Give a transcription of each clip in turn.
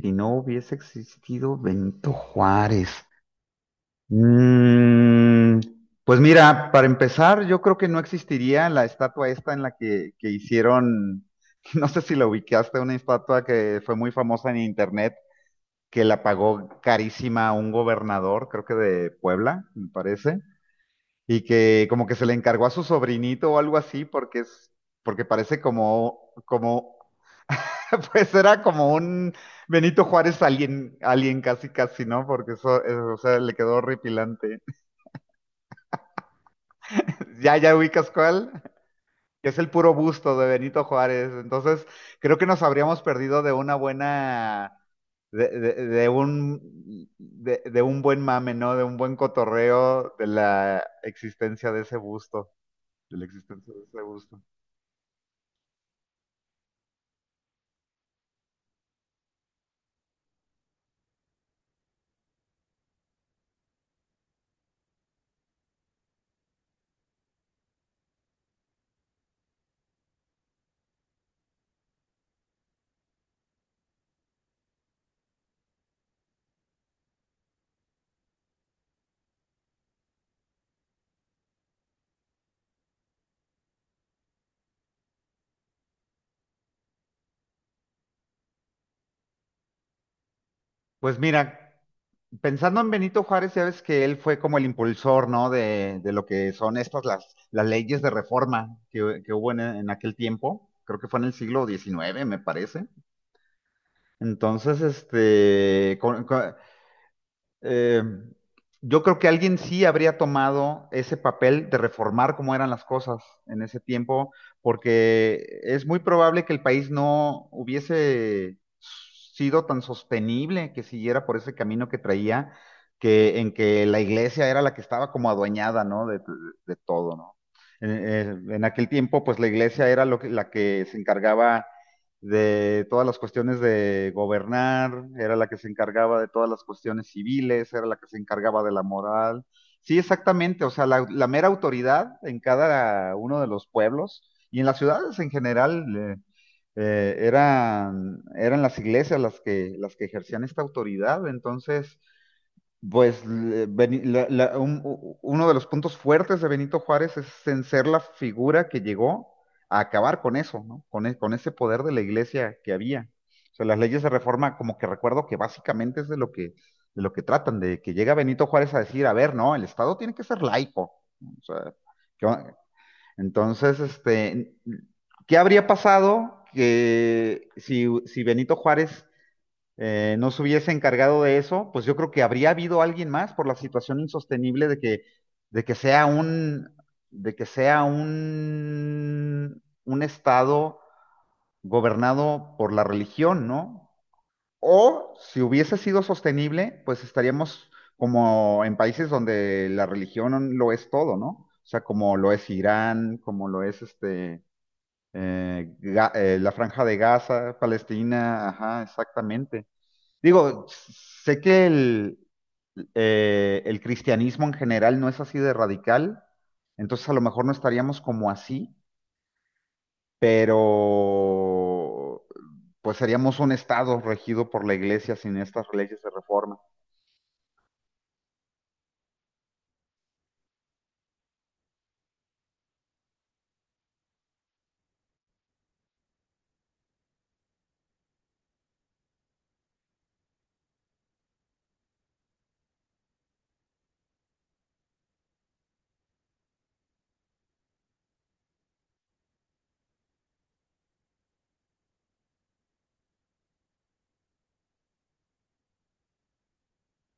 Si no hubiese existido Benito Juárez. Mm, pues mira, para empezar, yo creo que no existiría la estatua esta que hicieron, no sé si la ubicaste, una estatua que fue muy famosa en internet, que la pagó carísima a un gobernador, creo que de Puebla, me parece, y que como que se le encargó a su sobrinito o algo así, porque parece como pues era como un Benito Juárez alien, alien casi casi, ¿no? Porque eso, o sea, le quedó horripilante. Ya, ya ubicas cuál, que es el puro busto de Benito Juárez. Entonces, creo que nos habríamos perdido de una buena, de, de- de un, de un buen mame, ¿no? De un buen cotorreo de la existencia de ese busto, de la existencia de ese busto. Pues mira, pensando en Benito Juárez, ya ves que él fue como el impulsor, ¿no? De lo que son estas, las leyes de reforma que hubo en aquel tiempo. Creo que fue en el siglo XIX, me parece. Entonces, eh, yo creo que alguien sí habría tomado ese papel de reformar cómo eran las cosas en ese tiempo, porque es muy probable que el país no hubiese sido tan sostenible que siguiera por ese camino que traía, que en que la iglesia era la que estaba como adueñada, ¿no? De todo, ¿no? En aquel tiempo, pues la iglesia era la que se encargaba de todas las cuestiones de gobernar, era la que se encargaba de todas las cuestiones civiles, era la que se encargaba de la moral. Sí, exactamente, o sea, la mera autoridad en cada uno de los pueblos y en las ciudades en general, eran las iglesias las que ejercían esta autoridad, entonces pues uno de los puntos fuertes de Benito Juárez es en ser la figura que llegó a acabar con eso, ¿no? Con ese poder de la iglesia que había. O sea, las leyes de reforma, como que recuerdo que básicamente es de lo de lo que tratan, de que llega Benito Juárez a decir, a ver, no, el Estado tiene que ser laico. O sea, ¿qué va- entonces, ¿qué habría pasado que si Benito Juárez no se hubiese encargado de eso? Pues yo creo que habría habido alguien más por la situación insostenible de que sea un, de que sea un estado gobernado por la religión, ¿no? O si hubiese sido sostenible, pues estaríamos como en países donde la religión lo es todo, ¿no? O sea, como lo es Irán, como lo es la Franja de Gaza, Palestina, ajá, exactamente. Digo, sé que el cristianismo en general no es así de radical, entonces a lo mejor no estaríamos como así, pero pues seríamos un estado regido por la iglesia sin estas leyes de reforma.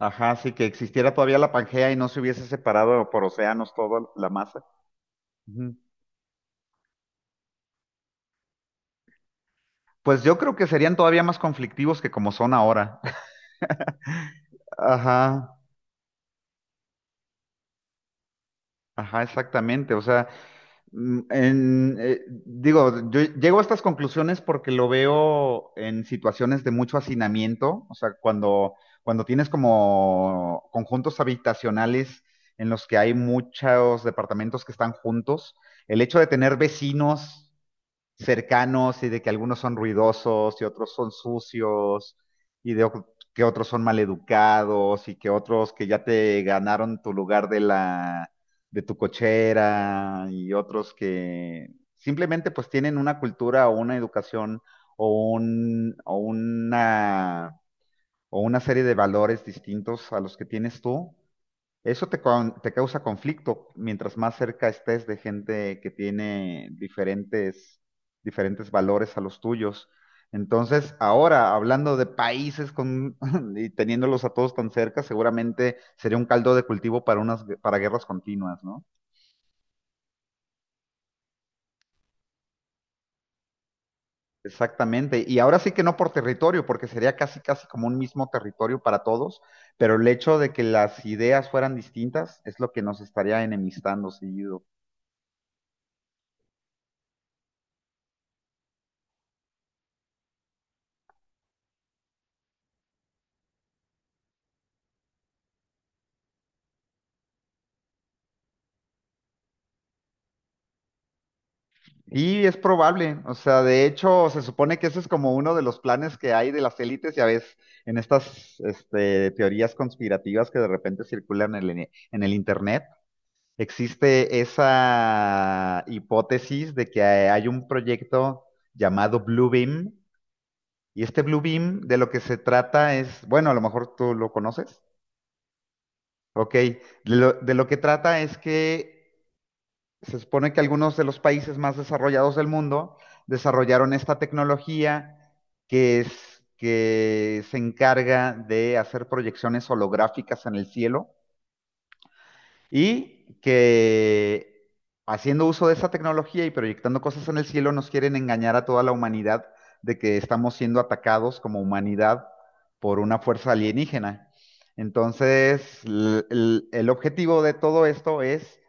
Ajá, sí, que existiera todavía la Pangea y no se hubiese separado por océanos toda la masa. Ujú. Pues yo creo que serían todavía más conflictivos que como son ahora. Ajá, ajá, exactamente. O sea, digo, yo llego a estas conclusiones porque lo veo en situaciones de mucho hacinamiento, o sea, cuando tienes como conjuntos habitacionales en los que hay muchos departamentos que están juntos, el hecho de tener vecinos cercanos y de que algunos son ruidosos y otros son sucios y de o- que otros son maleducados y que otros que ya te ganaron tu lugar de tu cochera y otros que simplemente pues tienen una cultura o una educación o un o una serie de valores distintos a los que tienes tú, te causa conflicto mientras más cerca estés de gente que tiene diferentes valores a los tuyos. Entonces, ahora, hablando de países con, y teniéndolos a todos tan cerca, seguramente sería un caldo de cultivo para para guerras continuas, ¿no? Exactamente. Y ahora sí que no por territorio, porque sería casi, casi como un mismo territorio para todos, pero el hecho de que las ideas fueran distintas es lo que nos estaría enemistando seguido. Y es probable, o sea, de hecho, se supone que ese es como uno de los planes que hay de las élites, ya ves, en teorías conspirativas que de repente circulan en en el internet, existe esa hipótesis de que hay un proyecto llamado Blue Beam, y este Blue Beam de lo que se trata es, bueno, a lo mejor tú lo conoces, ok, de lo que trata es que se supone que algunos de los países más desarrollados del mundo desarrollaron esta tecnología que es que se encarga de hacer proyecciones holográficas en el cielo y que haciendo uso de esa tecnología y proyectando cosas en el cielo nos quieren engañar a toda la humanidad de que estamos siendo atacados como humanidad por una fuerza alienígena. Entonces, el objetivo de todo esto es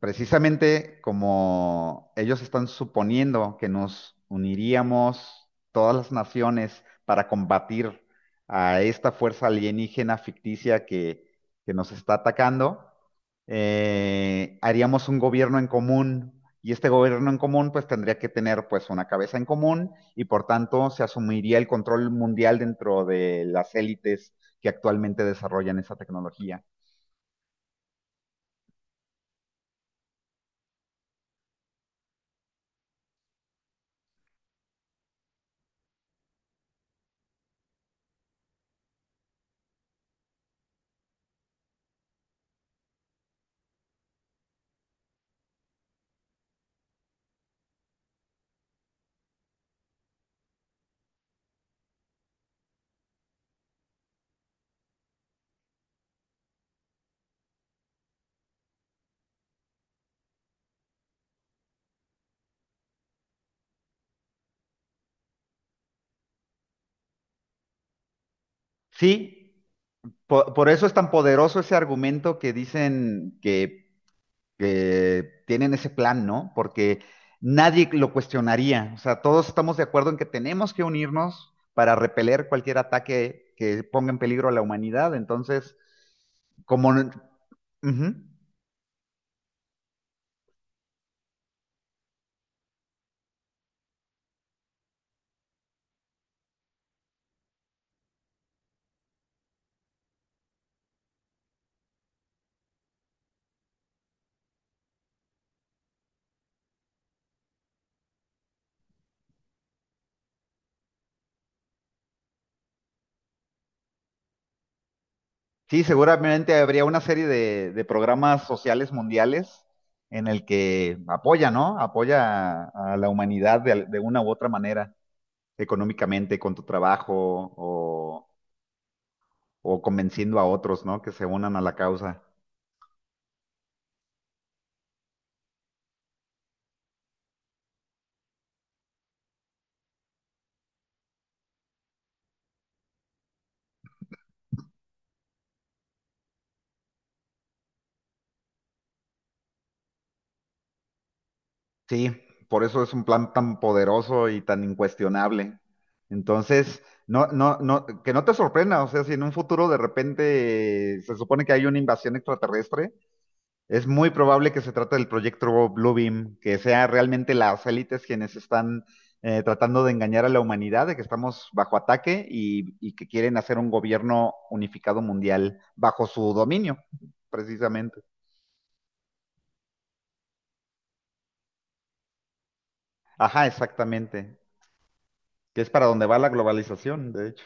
precisamente como ellos están suponiendo que nos uniríamos todas las naciones para combatir a esta fuerza alienígena ficticia que nos está atacando. Haríamos un gobierno en común y este gobierno en común pues tendría que tener pues una cabeza en común y por tanto se asumiría el control mundial dentro de las élites que actualmente desarrollan esa tecnología. Sí, por eso es tan poderoso ese argumento que dicen que tienen ese plan, ¿no? Porque nadie lo cuestionaría. O sea, todos estamos de acuerdo en que tenemos que unirnos para repeler cualquier ataque que ponga en peligro a la humanidad. Entonces, como... ujú. Sí, seguramente habría una serie de programas sociales mundiales en el que apoya, ¿no? Apoya a la humanidad de una u otra manera, económicamente, con tu trabajo o o convenciendo a otros, ¿no? Que se unan a la causa. Sí, por eso es un plan tan poderoso y tan incuestionable. Entonces, no, no, no, que no te sorprenda, o sea, si en un futuro de repente se supone que hay una invasión extraterrestre, es muy probable que se trate del proyecto Bluebeam, que sea realmente las élites quienes están tratando de engañar a la humanidad, de que estamos bajo ataque, y que quieren hacer un gobierno unificado mundial bajo su dominio, precisamente. Ajá, exactamente. Que es para donde va la globalización, de hecho.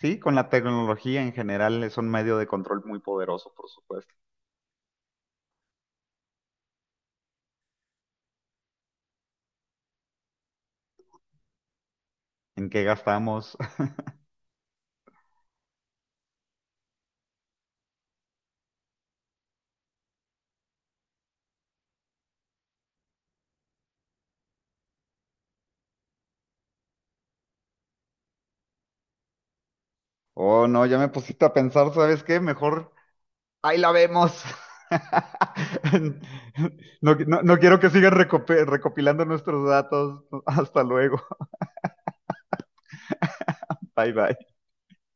Sí, con la tecnología en general es un medio de control muy poderoso, por supuesto. ¿En qué gastamos? Oh, no, ya me pusiste a pensar, ¿sabes qué? Mejor ahí la vemos. No, no quiero que sigan recopilando nuestros datos. Hasta luego. Bye bye.